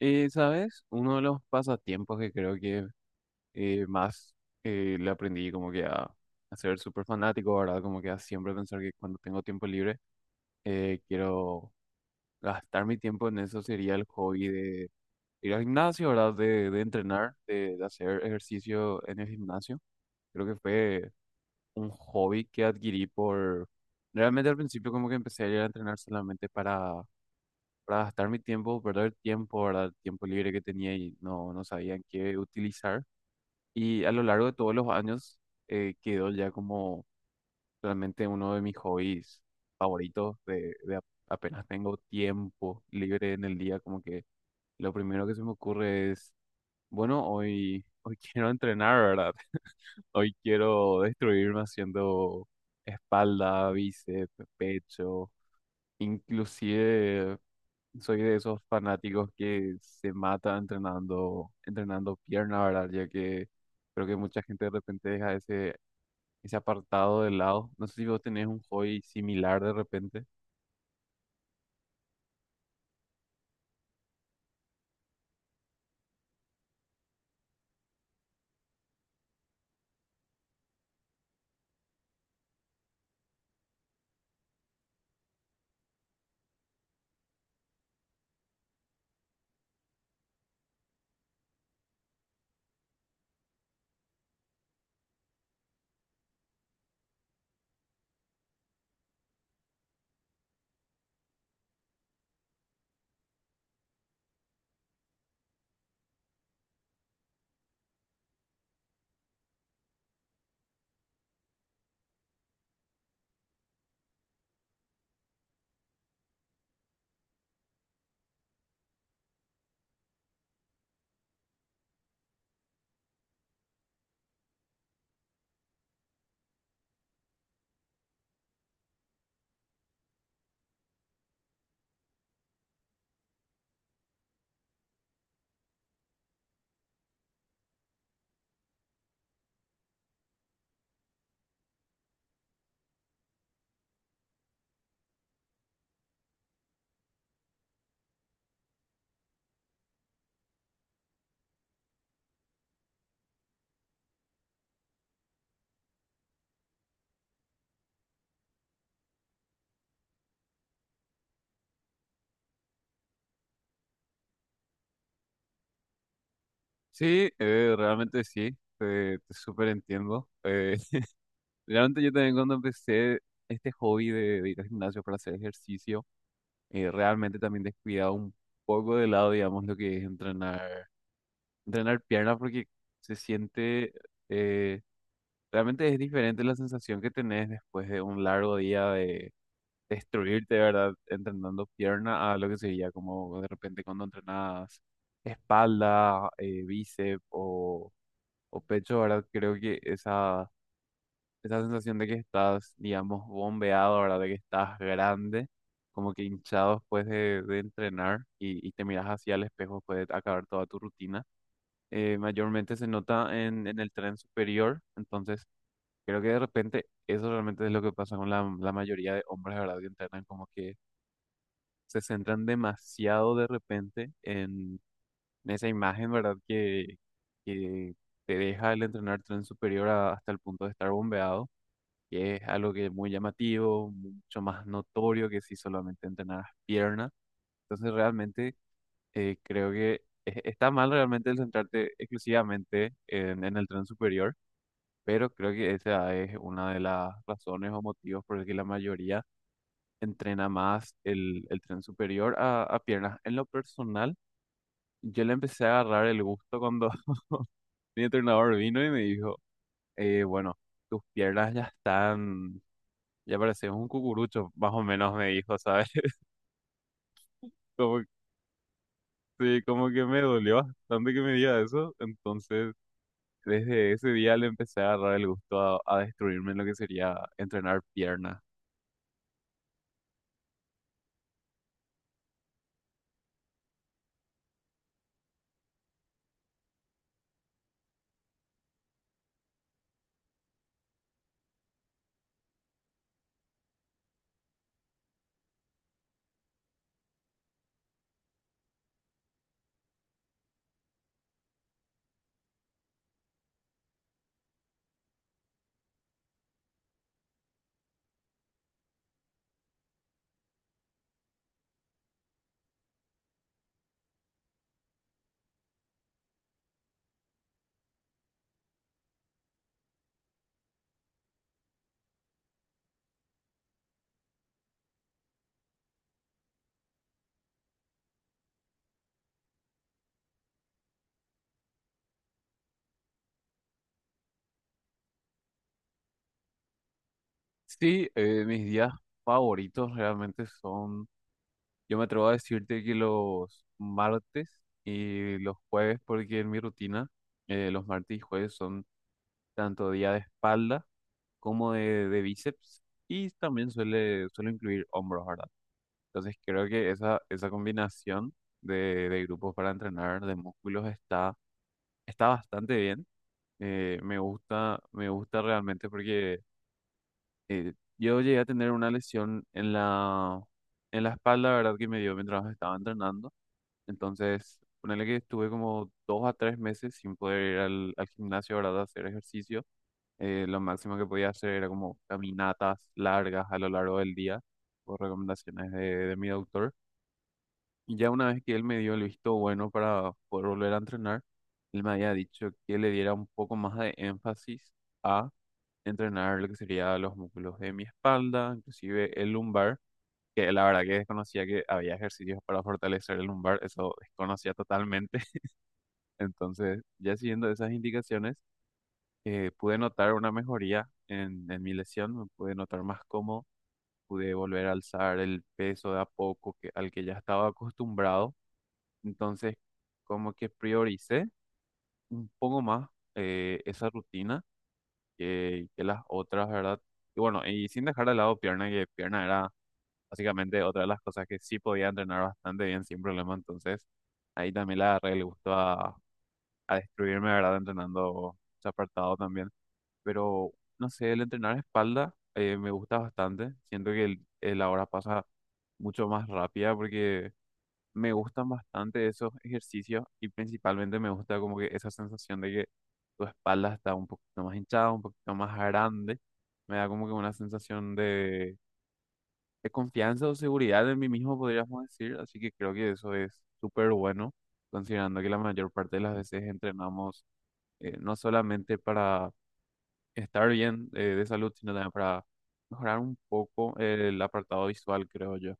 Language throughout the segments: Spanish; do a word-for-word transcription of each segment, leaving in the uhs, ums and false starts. Eh, ¿sabes? Uno de los pasatiempos que creo que eh, más eh, le aprendí como que a, a ser súper fanático, ¿verdad? Como que a siempre pensar que cuando tengo tiempo libre eh, quiero gastar mi tiempo en eso sería el hobby de ir al gimnasio, ¿verdad? De, de entrenar, de, de hacer ejercicio en el gimnasio. Creo que fue un hobby que adquirí por... Realmente al principio como que empecé a ir a entrenar solamente para para gastar mi tiempo, perder tiempo, ¿verdad? El tiempo libre que tenía y no, no sabía en qué utilizar. Y a lo largo de todos los años eh, quedó ya como realmente uno de mis hobbies favoritos de, de a- apenas tengo tiempo libre en el día, como que lo primero que se me ocurre es, bueno, hoy, hoy quiero entrenar, ¿verdad? Hoy quiero destruirme haciendo espalda, bíceps, pecho, inclusive soy de esos fanáticos que se mata entrenando, entrenando pierna, ¿verdad? Ya que creo que mucha gente de repente deja ese, ese apartado de lado. No sé si vos tenés un hobby similar de repente. Sí, eh, realmente sí, te, te súper entiendo. Eh, realmente yo también cuando empecé este hobby de, de ir al gimnasio para hacer ejercicio, eh, realmente también descuidaba un poco de lado, digamos, lo que es entrenar, entrenar pierna porque se siente... eh, Realmente es diferente la sensación que tenés después de un largo día de destruirte, ¿verdad? Entrenando pierna a lo que sería como de repente cuando entrenas espalda, eh, bíceps o, o pecho, ¿verdad? Creo que esa, esa sensación de que estás, digamos, bombeado, ¿verdad? De que estás grande, como que hinchado después de, de entrenar y, y te miras hacia el espejo después de acabar toda tu rutina eh, mayormente se nota en, en el tren superior. Entonces creo que de repente eso realmente es lo que pasa con la, la mayoría de hombres, ¿verdad? Que entrenan como que se centran demasiado de repente en, en, esa imagen, ¿verdad? Que, que te deja el entrenar tren superior a- hasta el punto de estar bombeado, que es algo que es muy llamativo, mucho más notorio que si solamente entrenaras pierna. Entonces realmente eh, creo que e- está mal realmente el centrarte exclusivamente en, en, el tren superior, pero creo que esa es una de las razones o motivos por el que la mayoría entrena más el, el tren superior a, a piernas. En lo personal, yo le empecé a agarrar el gusto cuando mi entrenador vino y me dijo, eh, bueno, tus piernas ya están, ya pareces un cucurucho, más o menos me dijo, ¿sabes? Como, sí, como que me dolió bastante que me diga eso. Entonces, desde ese día le empecé a agarrar el gusto a, a, destruirme en lo que sería entrenar piernas. Sí, eh, mis días favoritos realmente son, yo me atrevo a decirte que los martes y los jueves, porque en mi rutina eh, los martes y jueves son tanto día de espalda como de, de bíceps y también suele, suele incluir hombros, ¿verdad? Entonces creo que esa, esa combinación de, de grupos para entrenar de músculos está, está bastante bien. Eh, me gusta, me gusta realmente porque... eh, yo llegué a tener una lesión en la, en la espalda, ¿verdad? Que me dio mientras estaba entrenando. Entonces, ponele que estuve como dos a tres meses sin poder ir al, al gimnasio, ¿verdad? A hacer ejercicio. Eh, lo máximo que podía hacer era como caminatas largas a lo largo del día, por recomendaciones de, de mi doctor. Y ya una vez que él me dio el visto bueno para poder volver a entrenar, él me había dicho que le diera un poco más de énfasis entrenar lo que sería los músculos de mi espalda, inclusive el lumbar, que la verdad que desconocía que había ejercicios para fortalecer el lumbar, eso desconocía totalmente. Entonces, ya siguiendo esas indicaciones, eh, pude notar una mejoría en, en, mi lesión, me pude notar más cómodo, pude volver a alzar el peso de a poco que, al que ya estaba acostumbrado. Entonces, como que prioricé un poco más eh, esa rutina que, que las otras, ¿verdad? Y bueno, y sin dejar de lado pierna, que pierna era básicamente otra de las cosas que sí podía entrenar bastante bien sin problema. Entonces ahí también le agarré el gusto a, a, destruirme, ¿verdad? Entrenando ese apartado también, pero no sé, el entrenar espalda eh, me gusta bastante, siento que el, el la hora pasa mucho más rápida porque me gustan bastante esos ejercicios y principalmente me gusta como que esa sensación de que tu espalda está un poquito más hinchada, un poquito más grande. Me da como que una sensación de, de confianza o seguridad en mí mismo, podríamos decir. Así que creo que eso es súper bueno, considerando que la mayor parte de las veces entrenamos eh, no solamente para estar bien eh, de salud, sino también para mejorar un poco el apartado visual, creo yo.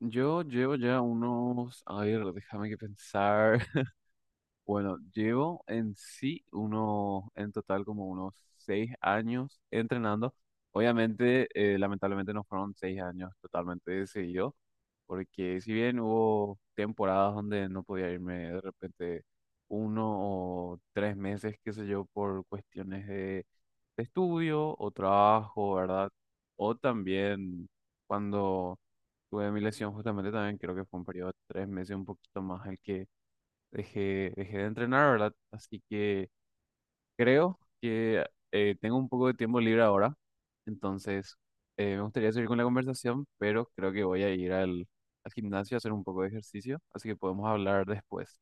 Yo llevo ya unos, a ver, déjame que pensar. Bueno, llevo en sí unos, en total como unos seis años entrenando. Obviamente, eh, lamentablemente no fueron seis años totalmente de seguido, porque si bien hubo temporadas donde no podía irme de repente uno o tres meses, qué sé yo, por cuestiones de, de estudio o trabajo, ¿verdad? O también cuando tuve mi lesión, justamente también creo que fue un periodo de tres meses, un poquito más el que dejé, dejé de entrenar, ¿verdad? Así que creo que eh, tengo un poco de tiempo libre ahora, entonces eh, me gustaría seguir con la conversación, pero creo que voy a ir al, al, gimnasio a hacer un poco de ejercicio, así que podemos hablar después.